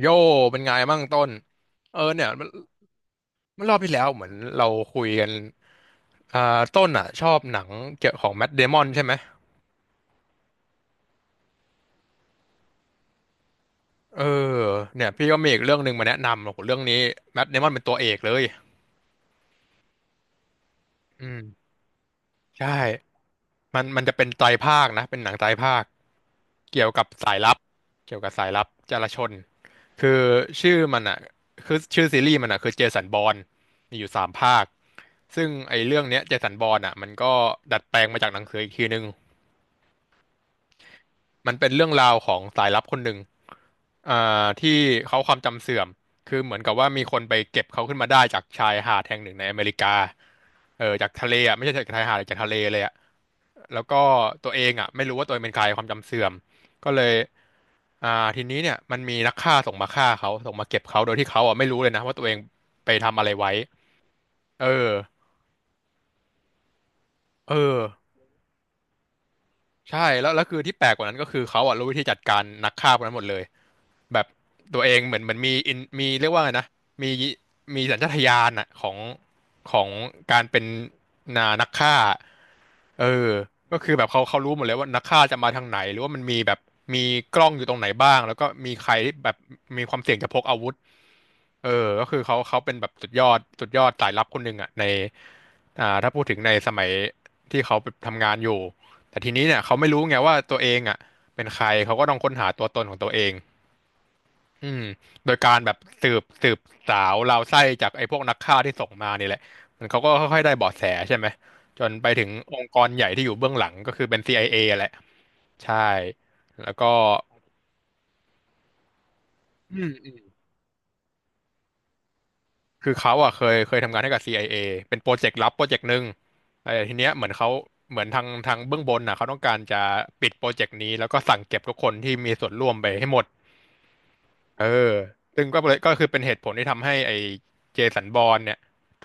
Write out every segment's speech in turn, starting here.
โย่เป็นไงบ้างต้นเออเนี่ยเมื่อรอบที่แล้วเหมือนเราคุยกันอ่าต้นอ่ะชอบหนังเกี่ยวของแมทเดมอนใช่ไหมเออเนี่ยพี่ก็มีอีกเรื่องหนึ่งมาแนะนำโอ้โหเรื่องนี้แมทเดมอนเป็นตัวเอกเลยอืม ใช่มันจะเป็นไตรภาคนะเป็นหนังไตรภาคเกี่ยวกับสายลับ เกี่ยวกับสายลับจารชน คือชื่อมันอ่ะคือชื่อซีรีส์มันอ่ะคือเจสันบอร์นมีอยู่สามภาค ซึ่งไอ้เรื่องเนี้ยเจสันบอร์นอ่ะมันก็ดัดแปลงมาจากหนังสืออีกทีนึงมันเป็นเรื่องราวของสายลับคนหนึ่งอ่ที่เขาความจำเสื่อมคือเหมือนกับว่ามีคนไปเก็บเขาขึ้นมาได้จากชายหาดแห่งหนึ่งในอเมริกาเออจากทะเลอ่ะไม่ใช่จากชายหาดจากทะเลเลยอ่ะ แล้วก็ตัวเองอ่ะไม่รู้ว่าตัวเองเป็นใครความจำเสื่อมก็เลยอ่าทีนี้เนี่ยมันมีนักฆ่าส่งมาฆ่าเขาส่งมาเก็บเขาโดยที่เขาอ่ะไม่รู้เลยนะว่าตัวเองไปทำอะไรไว้เออเออ ใช่แล้วแล้วคือที่แปลกกว่านั้นก็คือเขาอ่ะรู้วิธีจัดการนักฆ่าพวกนั้นหมดเลยแบบตัวเองเหมือนมีอินมีเรียกว่าไงนะมีมีสัญชาตญาณอะของการเป็นนักฆ่าเออก็คือแบบเขารู้หมดเลยว่านักฆ่าจะมาทางไหนหรือว่ามันมีแบบมีกล้องอยู่ตรงไหนบ้างแล้วก็มีใครที่แบบมีความเสี่ยงจะพกอาวุธเออก็คือเขาเป็นแบบสุดยอดสุดยอดสายลับคนหนึ่งอ่ะในถ้าพูดถึงในสมัยที่เขาไปทำงานอยู่ แต่ทีนี้เนี่ยเขาไม่รู้ไงว่าตัวเองอ่ะเป็นใครเขาก็ต้องค้นหาตัวตนของตัวเองอืมโดยการแบบสืบสาวราวไส้จากไอ้พวกนักฆ่าที่ส่งมานี่แหละมันเขาก็ค่อยๆได้เบาะแสใช่ไหมจนไปถึงองค์กรใหญ่ที่อยู่เบื้องหลังก็คือเป็น CIA แหละใช่แล้วก็อืมคือเขาอ่ะเคยทำงานให้กับ CIA เอเป็นโปรเจกต์ลับโปรเจกต์หนึ่งแต่ทีเนี้ยเหมือนเขาเหมือนทางเบื้องบนน่ะเขาต้องการจะปิดโปรเจกต์นี้แล้วก็สั่งเก็บทุกคนที่มีส่วนร่วมไปให้หมด เออซึ่งก็เลยก็คือเป็นเหตุผลที่ทำให้ไอ้เจสันบอร์นเนี่ย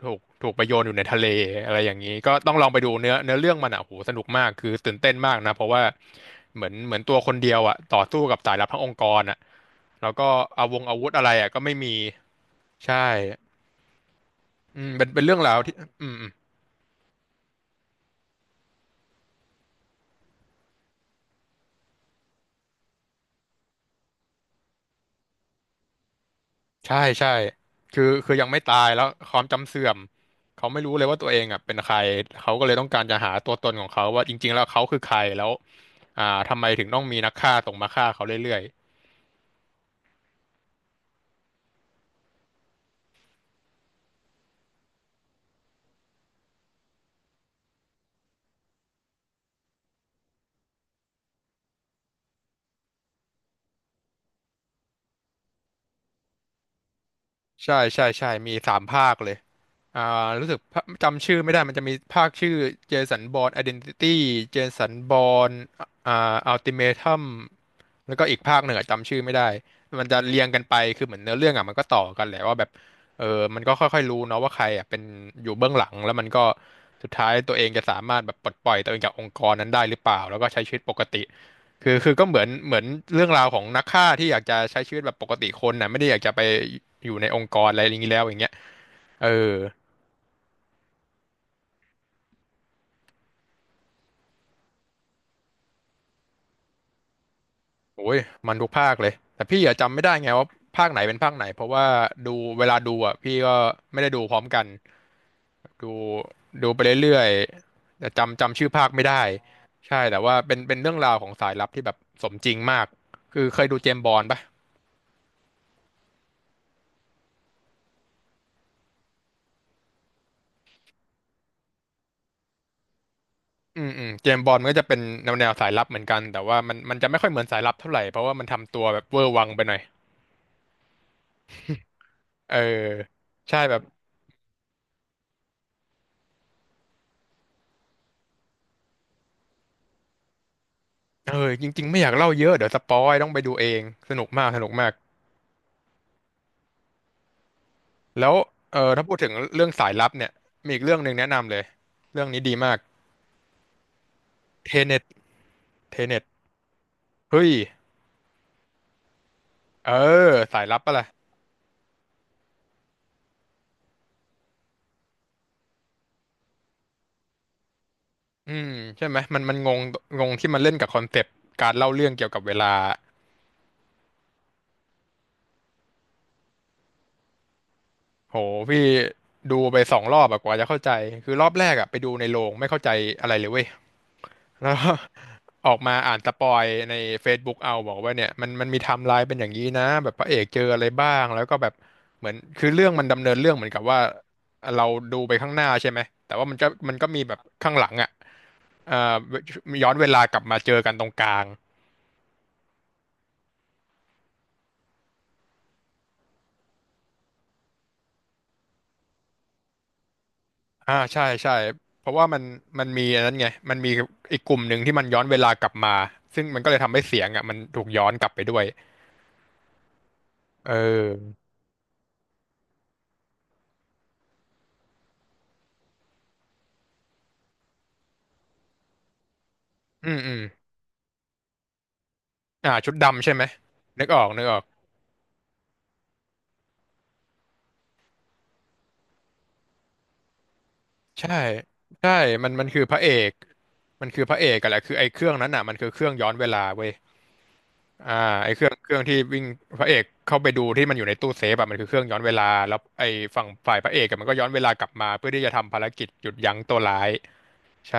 ถูกไปโยนอยู่ในทะเลอะไรอย่างนี้ก็ต้องลองไปดูเนื้อเรื่องมันอ่ะโหสนุกมากคือตื่นเต้นมากนะเพราะว่าเหมือนตัวคนเดียวอ่ะต่อสู้กับสายลับทั้งองค์กรอ่ะแล้วก็อาวุธอะไรอ่ะก็ไม่มีใช่อืมเป็นเรื่องราวที่อืม ใช่ใช่คือยังไม่ตายแล้วความจำเสื่อมเขาไม่รู้เลยว่าตัวเองอ่ะเป็นใครเขาก็เลยต้องการจะหาตัวตนของเขาว่าจริงๆแล้วเขาคือใครแล้วอ่าทำไมถึงต้องมีนักฆ่าตรงมาฆ่าเขาเรื่อยๆใช่ใช่ใช่มีสามภาคเลยอ่ารู้สึกภาจำชื่อไม่ได้มันจะมีภาคชื่อเจสันบอร์นไอเดนติตี้เจสันบอร์นอ่าอัลติเมทัม แล้วก็อีกภาคหนึ่งอะจำชื่อไม่ได้มันจะเรียงกันไปคือเหมือนเนื้อเรื่องอ่ะมันก็ต่อกันแหละว่าแบบเออมันก็ค่อยๆรู้เนาะว่าใครอ่ะเป็นอยู่เบื้องหลังแล้วมันก็สุดท้ายตัวเองจะสามารถแบบปลดปล่อยตัวเองจากองค์กรนั้นได้หรือเปล่าแล้วก็ใช้ชีวิตปกติคือก็เหมือนเรื่องราวของนักฆ่าที่อยากจะใช้ชีวิตแบบปกติคนน่ะไม่ได้อยากจะไปอยู่ในองค์กรอะไรอย่างนี้แล้วอย่างเงี้ยเออโอ้ยมันทุกภาคเลยแต่พี่อะจำไม่ได้ไงว่าภาคไหนเป็นภาคไหนเพราะว่าดูเวลาดูอ่ะพี่ก็ไม่ได้ดูพร้อมกัน ดูดูไปเรื่อยๆแต่จำชื่อภาคไม่ได้ใช่แต่ว่าเป็นเรื่องราวของสายลับที่แบบสมจริงมากคือเคยดูเจมส์บอนด์ปะเจมส์บอนด์มันก็จะเป็นแนวสายลับเหมือนกันแต่ว่ามันจะไม่ค่อยเหมือนสายลับเท่าไหร่เพราะว่ามันทำตัวแบบเวอร์วังไปหน่อยเออใช่แบบเออจริงๆไม่อยากเล่าเยอะเดี๋ยวสปอยต้องไปดูเองสนุกมากสนุกมากแล้วเออถ้าพูดถึงเรื่องสายลับเนี่ยมีอีกเรื่องหนึ่งแนะนำเลยเรื่องนี้ดีมากเทเน็ตเทเน็ตเฮ้ยเออสายลับปะล่ะ อืมใช่ไหมมันงงงงที่มันเล่นกับคอนเซปต์การเล่าเรื่องเกี่ยวกับเวลาโหพี่ดูไป2 รอบอะกว่าจะเข้าใจคือรอบแรกอะไปดูในโรงไม่เข้าใจอะไรเลยเว้ย แล้วก็ ออกมาอ่านสปอยใน Facebook เอาบอกว่าเนี่ยมันมันมีไทม์ไลน์เป็นอย่างนี้นะแบบพระเอกเจออะไรบ้างแล้วก็แบบเหมือนคือเรื่องมันดำเนินเรื่องเหมือนกับว่าเราดูไปข้างหน้าใช่ไหมแต่ว่ามันก็มีแบบข้างหลังอะเอ่อย้อนเวลากลับมาเจอกันตรงกลาง อ่าใช่ใช่เพราะว่ามันมันมีอันนั้นไงมันมีอีกกลุ่มหนึ่งที่มันย้อนเวลากลับมาซึ่งมันก็เลยทำให้เสียงอ่ะมันถูกย้อนกลับไปด้วยเอออืมอืมชุดดำใช่ไหมนึกออกนึกออกใช่ใช่มันคือพระเอกมันคือพระเอกกันแหละคือไอ้เครื่องนั้นอ่ะมันคือเครื่องย้อนเวลาเว้ยอ่าไอ้เครื่องที่วิ่งพระเอกเข้าไปดูที่มันอยู่ในตู้เซฟอ่ะมันคือเครื่องย้อนเวลาแล้วไอ้ฝั่งฝ่ายพระเอกอะมันก็ย้อนเวลากลับมาเพื่อที่จะทำภารกิจหยุดยั้งตัวร้ายใช่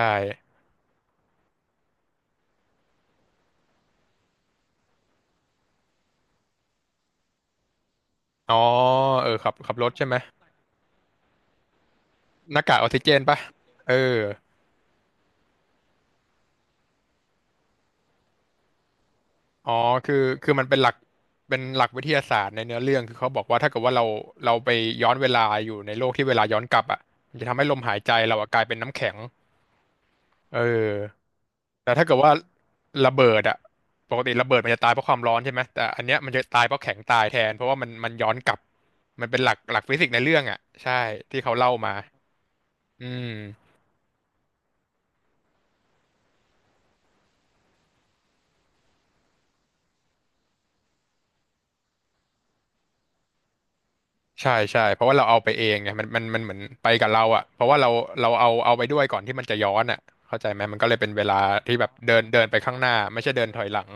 อ๋อเออขับรถใช่ไหมหน้ากากออกซิเจนปะเอออ๋อคือคือมันเป็นหลักวิทยาศาสตร์ในเนื้อเรื่องคือเขาบอกว่าถ้าเกิดว่าเราไปย้อนเวลาอยู่ในโลกที่เวลาย้อนกลับอ่ะมันจะทำให้ลมหายใจเราอะกลายเป็นน้ำแข็งเออแต่ถ้าเกิดว่าระเบิดอ่ะปกติระเบิดมันจะตายเพราะความร้อนใช่ไหมแต่อันเนี้ยมันจะตายเพราะแข็งตายแทนเพราะว่ามันมันย้อนกลับมันเป็นหลักฟิสิกส์ในเรื่องอ่ะใช่ที่เขาเล่ามาอืม ใช่ใช่เพราะว่าเราเอาไปเองไงมันเหมือนไปกับเราอ่ะเพราะว่าเราเอาไปด้วยก่อนที่มันจะย้อนอ่ะเข้าใจไหมมันก็เลยเป็นเวลาที่แบบเดินเดินไปข้างหน้าไม่ใช่เดินถอยหลัง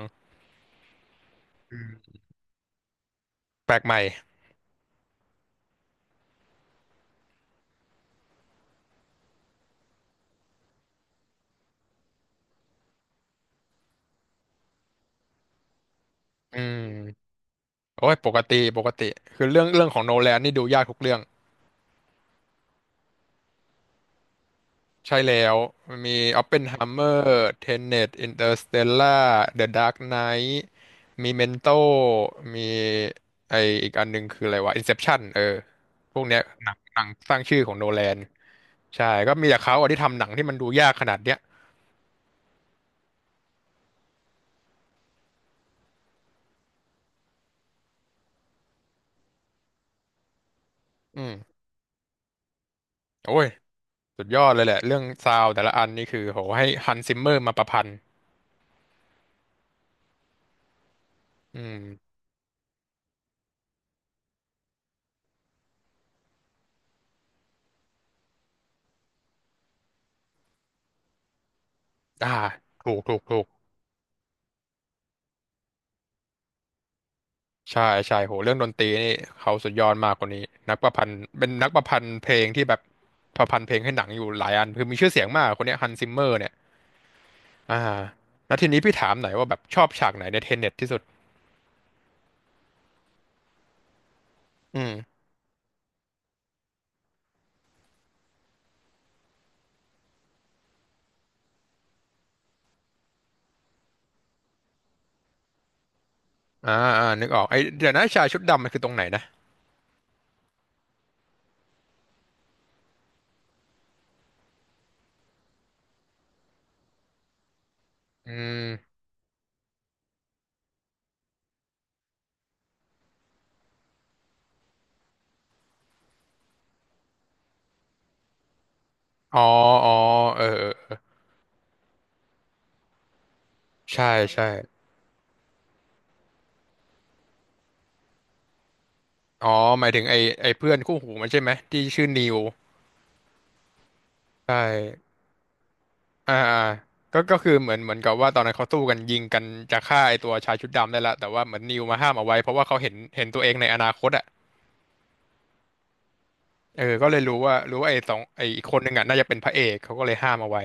แปลกใหม่อืมโอ้ยปกติปกติคือเรื่องของโนแลนนี่ดูยากทุกเรื่องใช่แล้วมีออปเพนไฮเมอร์เทเน t ตอินเตอร์สเตลล่าเดอะดาร์กไนท์มีเมนโตมีไออีกอันหนึงคืออะไรวะอินเซปชั่นเออพวกเนี้ยหนังสร้างชื่อของโนแลน ใช่ก็มีแต่เขาอะที่ทำหนังที่มันดูยากขนาดเนี้ยอืมโอ้ย สุดยอดเลยแหละเรื่องซาวด์แต่ละอันนี่คือโหให้ฮันซิมเมอร์มาประพันธ์อืมอ่าถูกถูกถูกใช่ใช่โหเรื่องดนตรีนี่เขาสุดยอดมากคนนี้นักประพันธ์เป็นนักประพันธ์เพลงที่แบบประพันธ์เพลงให้หนังอยู่หลายอันคือมีชื่อเสียงมากคนเนี้ฮันซิมเมอร์เนี่ยอ่าแล้วทีนี้พี่ถามหน่อยว่าแบบชอบฉากไหนในเทเน็ตที่สุดอืมอ่าอ่านึกออกไอ้เดี๋ยวนะชายชุดดำมันคือตรงไหนนะอืมอ๋ออ๋อเออเออ ใช่ใช่อ๋อ หมายถึงไอ้เพื่อนคู่หูมันใช่ไหมที่ชื่อนิวใช่อ่าอ่าก็คือเหมือนกับว่าตอนนั้นเขาสู้กันยิงกันจะฆ่าไอ้ตัวชายชุดดำได้ละแต่ว่าเหมือนนิวมาห้ามเอาไว้เพราะว่าเขาเห็นตัวเองในอนาคตอ่ะเออก็เลยรู้ว่าไอ้สองไอ้อีกคนหนึ่งอ่ะน่าจะเป็นพระเอกเขาก็เลยห้ามเอาไว้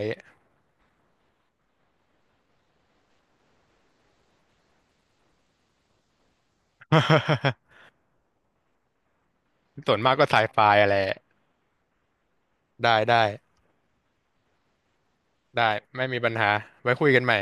ส่วนมากก็ไซไฟอะไรได้ได้ได้ไม่มีปัญหาไว้คุยกันใหม่